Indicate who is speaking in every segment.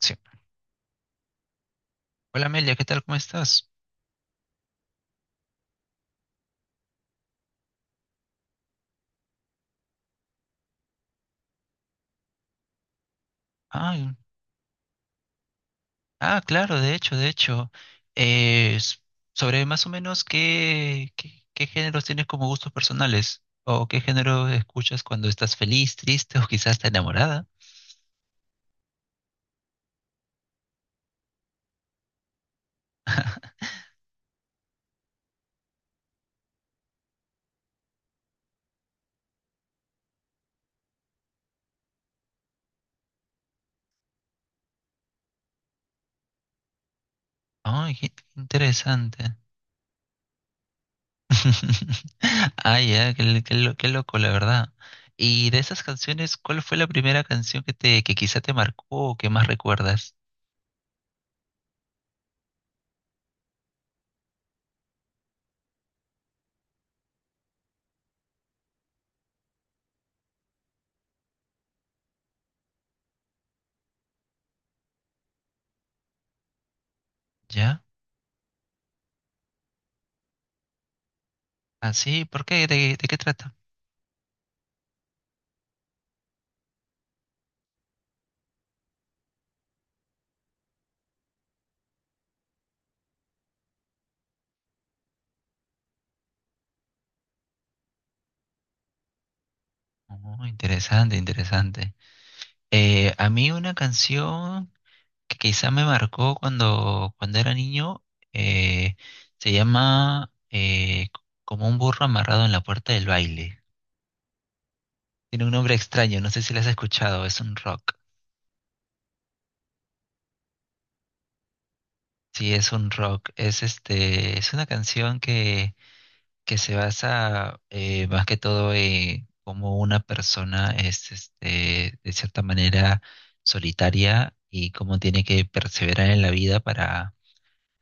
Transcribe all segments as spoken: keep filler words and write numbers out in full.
Speaker 1: Sí. Hola Amelia, ¿qué tal? ¿Cómo estás? Ah, ah, claro, de hecho, de hecho. Eh, s- Sobre más o menos qué, qué, qué géneros tienes como gustos personales o qué género escuchas cuando estás feliz, triste o quizás está enamorada. Ay, qué interesante. Ah ya, qué, lo- qué lo- qué loco, la verdad. Y de esas canciones, ¿cuál fue la primera canción que te, que quizá te marcó o que más recuerdas? ¿Ya? Ah, sí, ¿por qué? ¿De, de qué trata? Oh, interesante, interesante. Eh, a mí una canción que quizá me marcó cuando, cuando era niño eh, se llama eh, Como un burro amarrado en la puerta del baile. Tiene un nombre extraño, no sé si la has escuchado, es un rock. Sí, es un rock. Es este, es una canción que que se basa eh, más que todo en cómo una persona es este, de cierta manera solitaria y cómo tiene que perseverar en la vida para,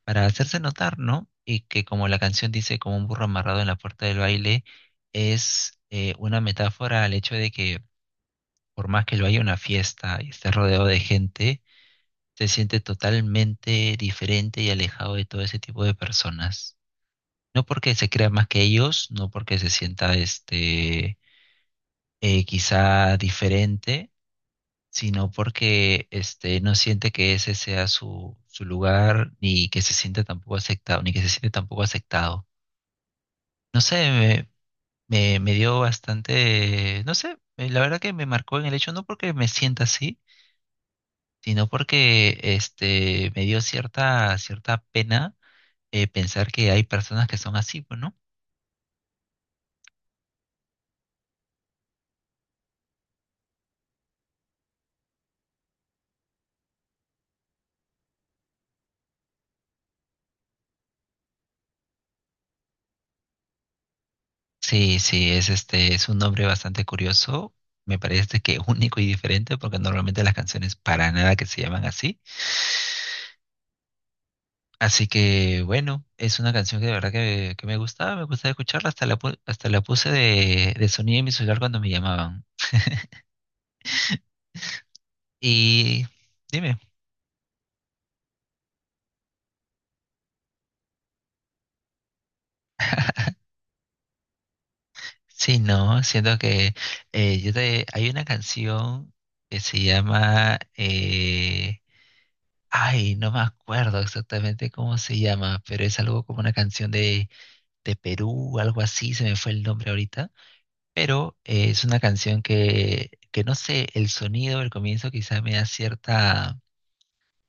Speaker 1: para hacerse notar, ¿no? Y que como la canción dice, como un burro amarrado en la puerta del baile, es eh, una metáfora al hecho de que por más que lo haya una fiesta y esté rodeado de gente, se siente totalmente diferente y alejado de todo ese tipo de personas. No porque se crea más que ellos, no porque se sienta este eh, quizá diferente, sino porque este no siente que ese sea su, su lugar, ni que se siente tampoco aceptado, ni que se siente tampoco aceptado. No sé, me, me, me dio bastante, no sé, eh, la verdad que me marcó en el hecho, no porque me sienta así, sino porque este me dio cierta, cierta pena eh, pensar que hay personas que son así, pues, ¿no? Sí, sí, es este, es un nombre bastante curioso. Me parece que único y diferente porque normalmente las canciones para nada que se llaman así. Así que bueno, es una canción que de verdad que, que me gustaba, me gustaba escucharla, hasta la, pu- hasta la puse de, de sonido en mi celular cuando me llamaban. Y dime, sí, no, siento que eh, yo te- hay una canción que se llama, eh, ay, no me acuerdo exactamente cómo se llama, pero es algo como una canción de Perú, algo así, se me fue el nombre ahorita, pero eh, es una canción que, que no sé, el sonido del comienzo quizá me da cierta,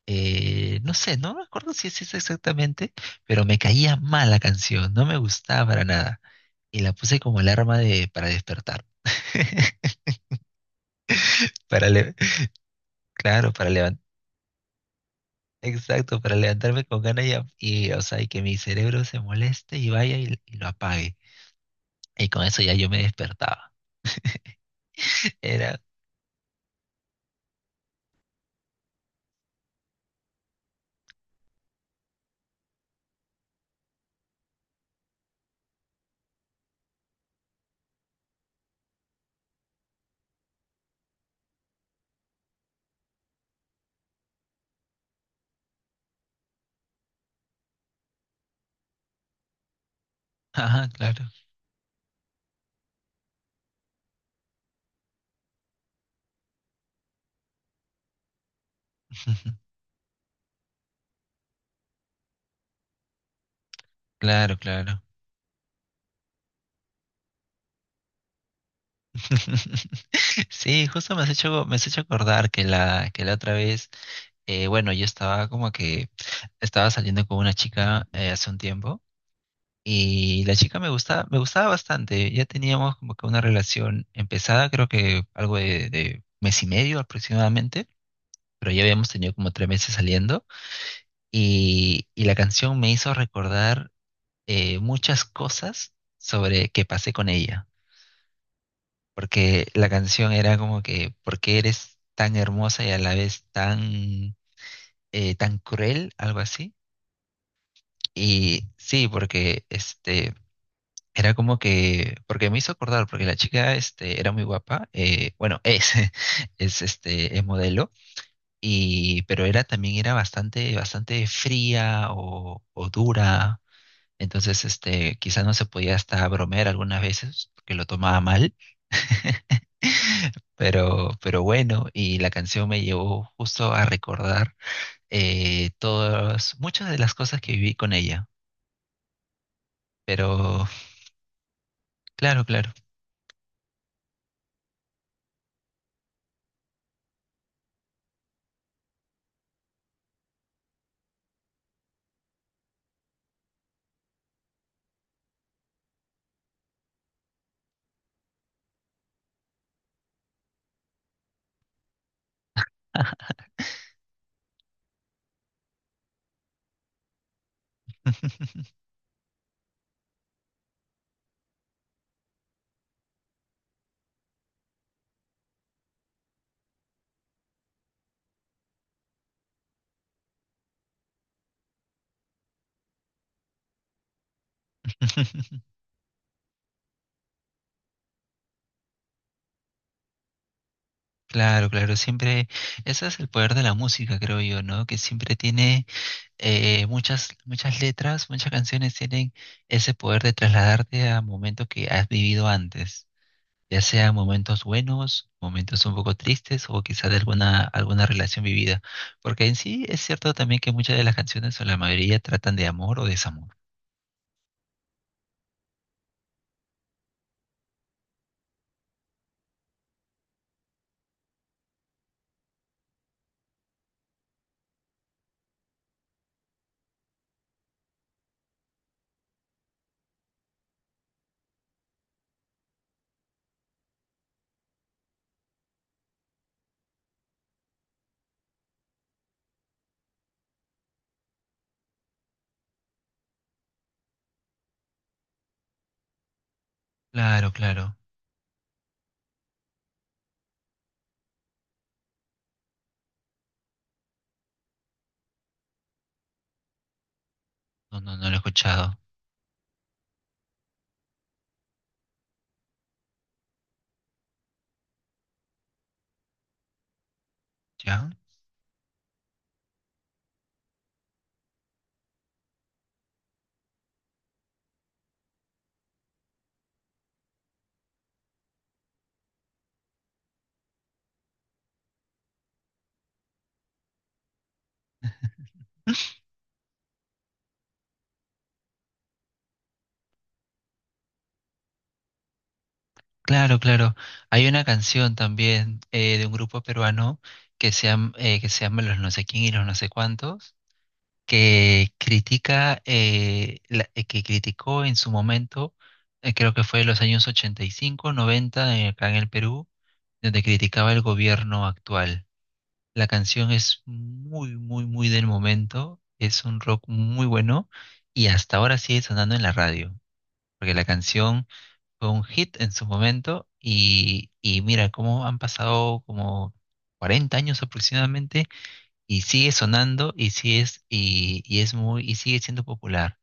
Speaker 1: eh, no sé, no me acuerdo si es eso exactamente, pero me caía mal la canción, no me gustaba para nada, y la puse como alarma de, para despertar, para le- claro, para levantar. Exacto, para levantarme con ganas y, a- y, o sea, y que mi cerebro se moleste y vaya y y lo apague. Y con eso ya yo me despertaba. Era, ajá, claro. Claro, claro. Sí, justo me has hecho, me has hecho acordar que la, que la otra vez, eh, bueno, yo estaba como que estaba saliendo con una chica eh, hace un tiempo y la chica me gustaba, me gustaba bastante. Ya teníamos como que una relación empezada, creo que algo de, de mes y medio aproximadamente, pero ya habíamos tenido como tres meses saliendo y, y la canción me hizo recordar eh, muchas cosas sobre que pasé con ella. Porque la canción era como que, ¿por qué eres tan hermosa y a la vez tan, eh, tan cruel? Algo así. Y sí, porque este, era como que, porque me hizo acordar, porque la chica este, era muy guapa, eh, bueno, es, es, este, es modelo, y, pero era también era bastante, bastante fría o, o dura. Entonces, este, quizás no se podía hasta bromear algunas veces, porque lo tomaba mal. Pero, pero bueno, y la canción me llevó justo a recordar eh, todas, muchas de las cosas que viví con ella. Pero claro, claro. Claro, claro, siempre, ese es el poder de la música, creo yo, ¿no? Que siempre tiene eh, muchas, muchas letras, muchas canciones tienen ese poder de trasladarte a momentos que has vivido antes. Ya sea momentos buenos, momentos un poco tristes o quizá de alguna, alguna relación vivida. Porque en sí es cierto también que muchas de las canciones o la mayoría tratan de amor o desamor. Claro, claro. No, no, no lo he escuchado. ¿Ya? Claro, claro. Hay una canción también eh, de un grupo peruano que se llama, eh, que se llama Los no sé quién y los no sé cuántos, que critica, eh, la- eh, que criticó en su momento, eh, creo que fue en los años ochenta y cinco, noventa, eh, acá en el Perú, donde criticaba el gobierno actual. La canción es muy, muy, muy del momento, es un rock muy bueno y hasta ahora sigue sonando en la radio, porque la canción fue un hit en su momento y, y mira cómo han pasado como cuarenta años aproximadamente y sigue sonando y sí es y, y es muy y sigue siendo popular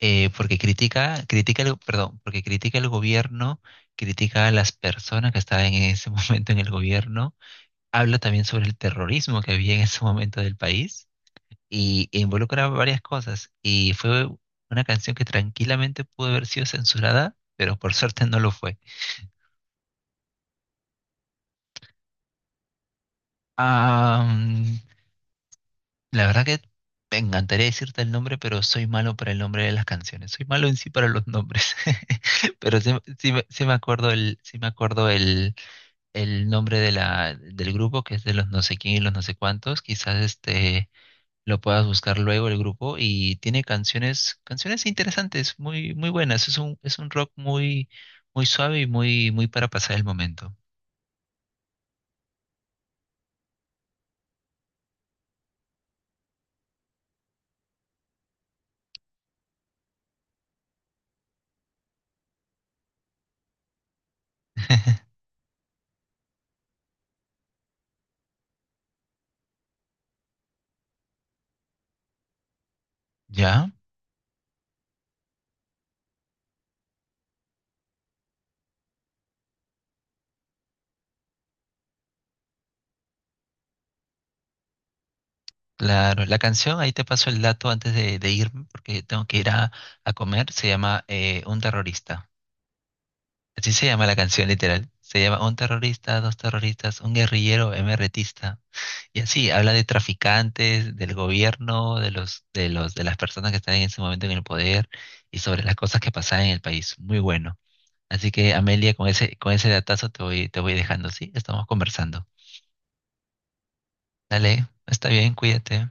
Speaker 1: eh, porque critica critica el, perdón porque critica el gobierno, critica a las personas que estaban en ese momento en el gobierno, habla también sobre el terrorismo que había en ese momento del país y e involucra varias cosas y fue una canción que tranquilamente pudo haber sido censurada, pero por suerte no lo fue. Ah, la verdad que me encantaría decirte el nombre, pero soy malo para el nombre de las canciones. Soy malo en sí para los nombres. Pero sí, sí me sí me acuerdo el, sí me acuerdo el, el nombre de la, del grupo, que es de Los no sé quién y los no sé cuántos. Quizás este lo puedas buscar luego el grupo. Y tiene canciones, canciones interesantes, muy, muy buenas. Es un, es un rock muy, muy suave y muy, muy para pasar el momento. ¿Ya? Claro, la canción, ahí te paso el dato antes de, de irme, porque tengo que ir a, a comer, se llama eh, Un terrorista. Así se llama la canción, literal. Se llama Un terrorista, dos terroristas, un guerrillero eme erre tista. Y así, habla de traficantes, del gobierno, de los, de los, de las personas que están en ese momento en el poder y sobre las cosas que pasan en el país. Muy bueno. Así que, Amelia, con ese, con ese datazo te voy, te voy dejando, ¿sí? Estamos conversando. Dale, está bien, cuídate.